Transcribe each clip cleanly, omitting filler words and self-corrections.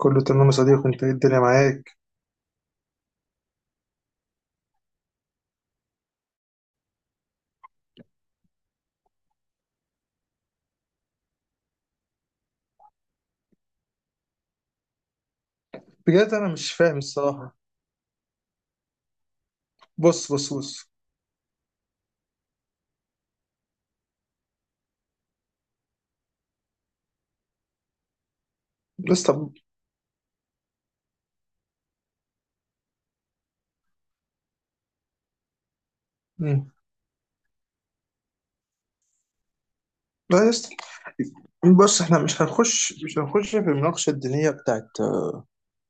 كله تمام يا صديقي, انت ايه الدنيا معاك؟ بجد انا مش فاهم الصراحه. بص بص بص. بس طب. مم. لا يا اسطى. بص احنا مش هنخش في المناقشه الدينيه بتاعت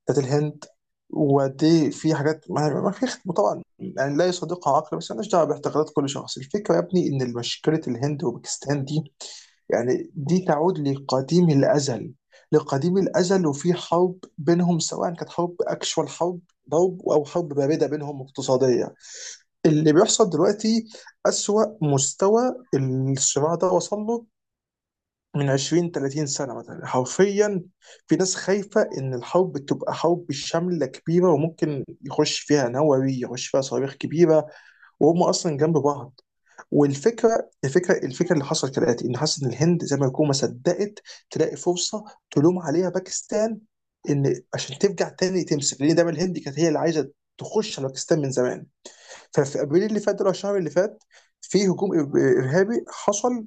بتاعت الهند. وقد ايه في حاجات ما في طبعا, يعني لا يصدقها عقل, بس مالناش دعوه باعتقادات كل شخص. الفكره يا ابني ان مشكله الهند وباكستان دي يعني دي تعود لقديم الأزل. لقديم الأزل, وفي حرب بينهم سواء كانت حرب أكشوال, حرب ضرب أو حرب باردة بينهم اقتصادية. اللي بيحصل دلوقتي أسوأ مستوى الصراع ده وصل له من 20 30 سنة مثلا, حرفيا. في ناس خايفة إن الحرب تبقى حرب شاملة كبيرة, وممكن يخش فيها نووي, يخش فيها صواريخ كبيرة, وهم أصلا جنب بعض. والفكره الفكره الفكره اللي حصلت كالاتي, ان حاسس ان الهند زي ما يكون ما صدقت تلاقي فرصه تلوم عليها باكستان, ان عشان ترجع تاني تمسك, لان دايما الهند كانت هي اللي عايزه تخش على باكستان من زمان. ففي ابريل اللي فات ده, أو الشهر اللي فات, في هجوم ارهابي حصل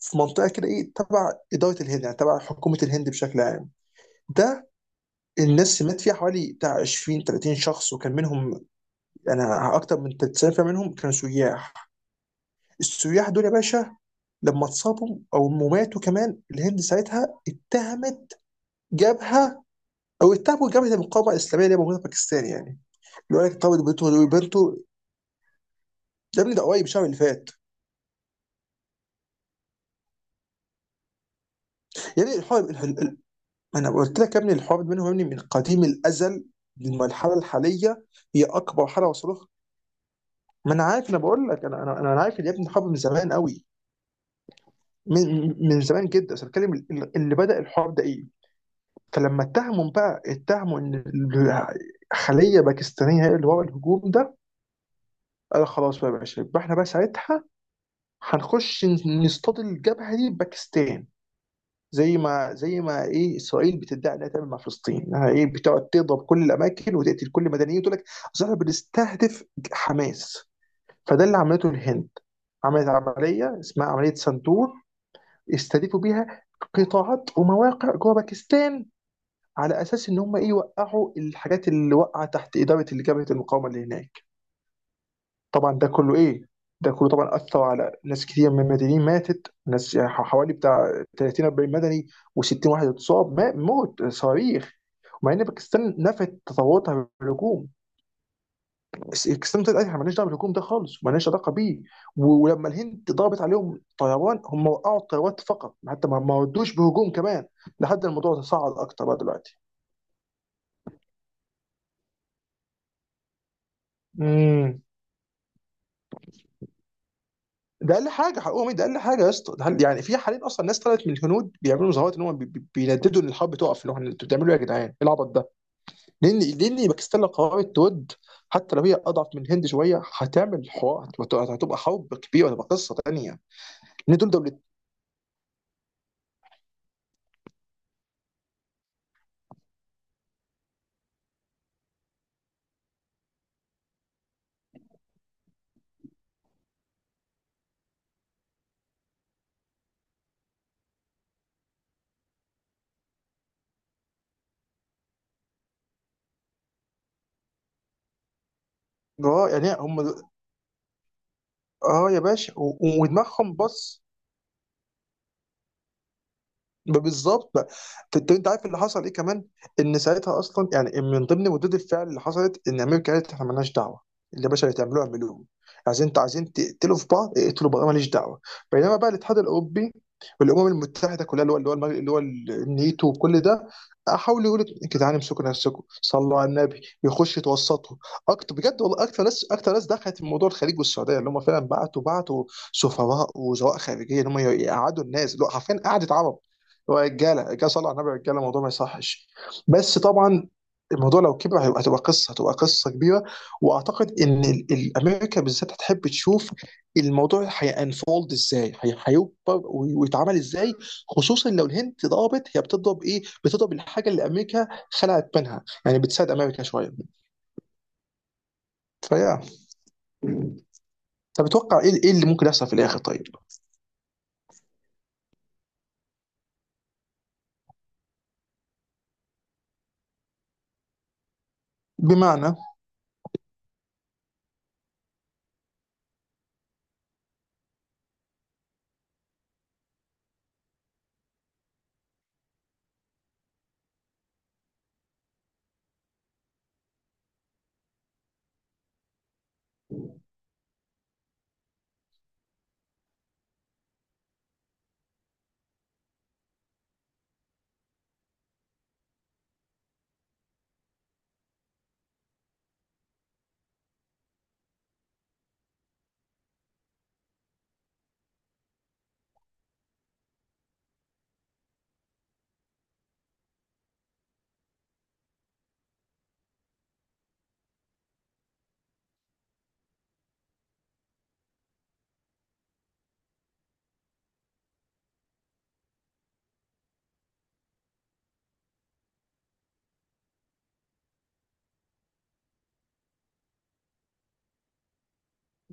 في منطقه كده ايه تبع اداره الهند, يعني تبع حكومه الهند بشكل عام. ده الناس مات فيها حوالي بتاع 20 30 شخص, وكان منهم انا اكتر من 90% منهم كانوا سياح. السياح دول يا باشا, لما اتصابوا او ماتوا كمان, الهند ساعتها اتهمت جبهه, او اتهموا جبهه المقاومه الاسلاميه اللي هي موجوده في باكستان يعني. اللي هو لك طب بنته دول بنته يا ابني, ده قريب الشهر اللي فات. يعني الحوار انا قلت لك يا ابني الحوار بينهم يا ابني من قديم الازل للمرحله الحاليه. هي اكبر حاله وصلوا لها. ما انا عارف, انا بقول لك, انا عارف إن يا ابني الحرب من زمان قوي. من زمان جدا, بس بتكلم اللي بدا الحوار ده ايه. فلما اتهموا بقى, اتهموا ان خليه باكستانيه هي اللي ورا الهجوم ده. قال خلاص بقى يا باشا, يبقى احنا بقى ساعتها هنخش نصطاد الجبهه دي بباكستان. زي ما ايه اسرائيل بتدعي انها تعمل مع فلسطين, انها ايه بتقعد تضرب كل الاماكن وتقتل كل المدنيين وتقول لك اصل احنا بنستهدف حماس. فده اللي عملته الهند, عملت عمليه اسمها عمليه سندور, استهدفوا بيها قطاعات ومواقع جوه باكستان على اساس ان هم ايه يوقعوا الحاجات اللي وقعت تحت اداره اللي جبهه المقاومه اللي هناك. طبعا ده كله ايه, ده كله طبعا اثر على ناس كتير من المدنيين, ماتت ناس يعني حوالي بتاع 30 40 مدني, و60 واحد اتصاب موت صواريخ. ومع ان باكستان نفت تطوراتها بالهجوم, بس باكستان طلعت قالت احنا مالناش دعوه بالهجوم ده خالص, ومالناش علاقه بيه. ولما الهند ضربت عليهم طيران, هم وقعوا الطيارات فقط, حتى ما ردوش بهجوم كمان, لحد الموضوع تصاعد اكتر بقى دلوقتي. مم. ده اقل حاجه حقهم ايه, ده اقل حاجه يا اسطى, يعني في حاليا اصلا ناس طلعت من الهنود بيعملوا مظاهرات ان هم بينددوا ان الحرب تقف, اللي هو انتوا بتعملوا ايه يا جدعان؟ ايه العبط ده؟ لان باكستان لو قررت تود, حتى لو هي اضعف من الهند شويه هتعمل حوار, هتبقى حرب كبيره, هتبقى قصه تانيه. ان دول دولتين. اه, يعني هم. اه يا باشا, ودماغهم بص. ما بالظبط بقى. انت عارف اللي حصل ايه كمان, ان ساعتها اصلا يعني من ضمن ردود الفعل اللي حصلت, ان امريكا قالت احنا مالناش دعوه. اللي يا باشا اللي تعملوه اعملوه. عايزين, انت عايزين تقتلوا في بعض, اقتلوا بعض, أنا ماليش دعوه. بينما بقى الاتحاد الاوروبي والامم المتحده كلها, اللي هو اللي هو النيتو وكل ده, حاولوا يقولوا يا جدعان امسكوا نفسكم, صلوا على النبي, يخش يتوسطوا اكتر. بجد والله, اكتر ناس دخلت في موضوع الخليج والسعوديه, اللي هم فعلا بعتوا سفراء وزراء خارجيه, ان هم يقعدوا الناس, اللي هو حرفيا قعدت عرب. هو رجاله صلى على النبي, رجاله الموضوع ما يصحش. بس طبعا الموضوع لو كبر هيبقى, هتبقى قصه, هتبقى قصه كبيره. واعتقد ان امريكا بالذات هتحب تشوف الموضوع هينفولد ازاي, هيكبر ويتعمل ازاي. خصوصا لو الهند ضربت هي بتضرب ايه, بتضرب الحاجه اللي امريكا خلعت منها, يعني بتساعد امريكا شويه. فيا طب اتوقع ايه اللي ممكن يحصل في الاخر طيب؟ بمعنى.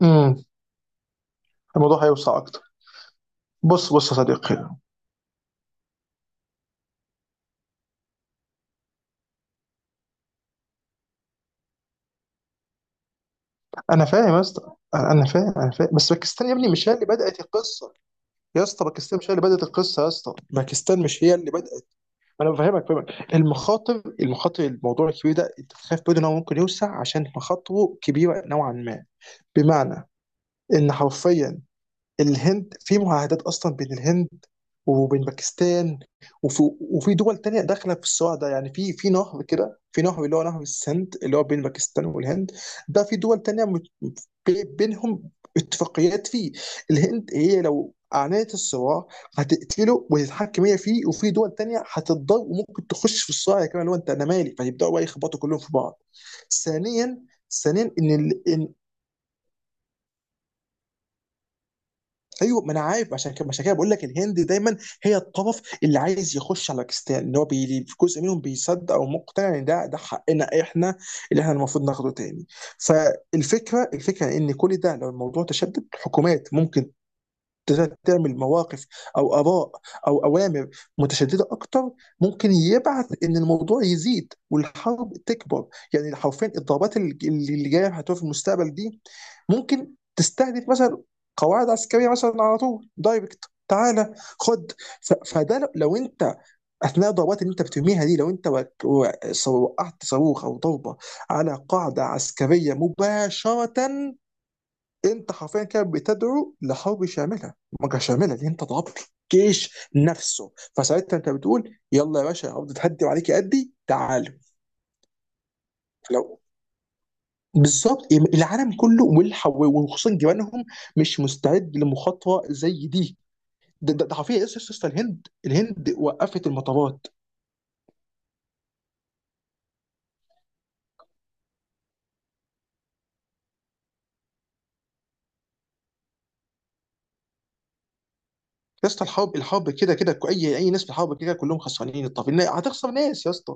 امم. الموضوع هيوسع اكتر. بص بص يا صديقي. انا فاهم يا اسطى, أنا فاهم, انا فاهم, بس باكستان يا ابني مش هي اللي بدات القصه. يا اسطى باكستان مش هي اللي بدات القصه, يا اسطى باكستان مش هي اللي بدات. انا بفهمك, فاهمك المخاطر, المخاطر الموضوع الكبير ده, انت تخاف برضه ان هو ممكن يوسع عشان مخاطره كبيره نوعا ما. بمعنى ان حرفيا الهند في معاهدات اصلا بين الهند وبين باكستان. وفي دول تانية داخلة في الصراع ده, يعني في نهر كده, في نهر اللي هو نهر السند اللي هو بين باكستان والهند. ده في دول تانية بينهم اتفاقيات فيه. الهند هي لو أعلنت الصراع هتقتله وتتحكم هي فيه, وفي دول تانية هتتضر وممكن تخش في الصراع كمان, اللي هو انت انا مالي, فيبداوا بقى يخبطوا كلهم في بعض. ثانيا, ثانيا, ان إن ايوه, ما انا عارف, عشان كده, عشان كده, بقول لك الهند دايما هي الطرف اللي عايز يخش على باكستان, اللي هو في جزء منهم بيصدق او مقتنع ان ده حقنا احنا, اللي احنا المفروض ناخده تاني. فالفكره ان كل ده لو الموضوع تشدد, الحكومات ممكن تقدر تعمل مواقف او اراء او اوامر متشدده اكتر, ممكن يبعث ان الموضوع يزيد والحرب تكبر. يعني حرفيا الضربات اللي جايه هتبقى في المستقبل دي, ممكن تستهدف مثلا قواعد عسكريه مثلا على طول دايركت. تعالى خد, فده لو انت, اثناء الضربات اللي انت بترميها دي, لو انت وقعت صاروخ او ضربه على قاعده عسكريه مباشره, انت حرفيا كده بتدعو لحرب شامله, مجر شامله, اللي انت ضربت الجيش نفسه, فساعتها انت بتقول يلا يا باشا, ارض تهدي وعليك قدي تعالوا. لو بالظبط العالم كله, وخصوصا جيرانهم مش مستعد لمخاطره زي دي. ده حرفيا يا اسطى, يا اسطى الهند الهند وقفت المطارات. يا اسطى الحرب, الحرب كده كده اي ناس في الحرب كده كلهم خسرانين, الطرفين هتخسر ناس يا اسطى.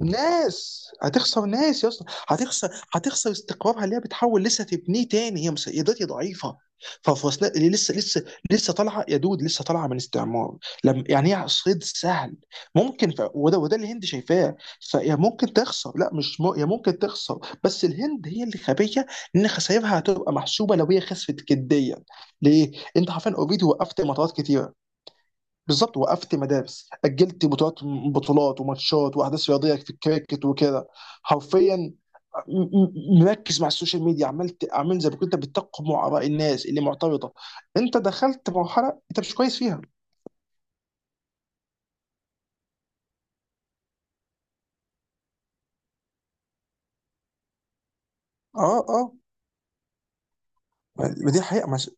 ناس هتخسر ناس يا اسطى, هتخسر استقرارها اللي هي بتحاول لسه تبنيه تاني, هي هي دلوقتي ضعيفه. ففي اللي لسه لسه طالعه يا دود, لسه طالعه من استعمار, لما يعني هي صيد سهل. ممكن وده اللي الهند شايفاه. فهي ممكن تخسر, لا مش هي ممكن تخسر, بس الهند هي اللي خبيه ان خسائرها هتبقى محسوبه لو هي خسفت جديا. ليه؟ انت حرفيا اوريدي وقفت مطارات كتير. بالظبط, وقفت مدارس, اجلت بطولات, بطولات وماتشات واحداث رياضيه في الكريكت وكده. حرفيا مركز مع السوشيال ميديا, عملت زي ما كنت بتقمع اراء الناس اللي معترضه, انت دخلت مرحله انت مش كويس فيها. اه اه. ما دي حقيقه مش...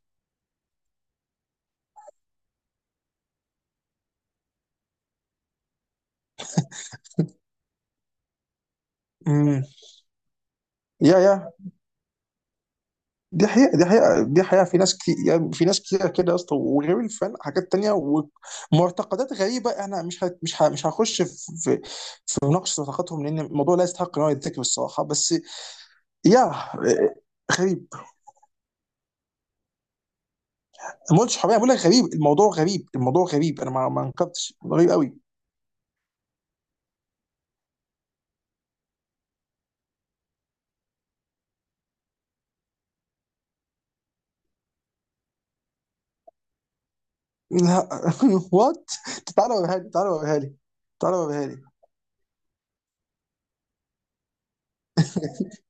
مم. يا, دي حقيقه, دي حقيقه, دي حقيقه في ناس كتير, يعني في ناس كتير كده يا اسطى, وغير الفن حاجات تانية ومعتقدات غريبه, احنا مش هخش في في, في مناقشه معتقداتهم, لان الموضوع لا يستحق ان هو يتذكر الصراحه بس. يا غريب, ما قلتش حرامية, بقول لك غريب الموضوع, غريب الموضوع غريب, انا ما انكرتش, غريب قوي. لا وات. تعالى وريها لي, تعالى وريها لي, تعالى وريها لي.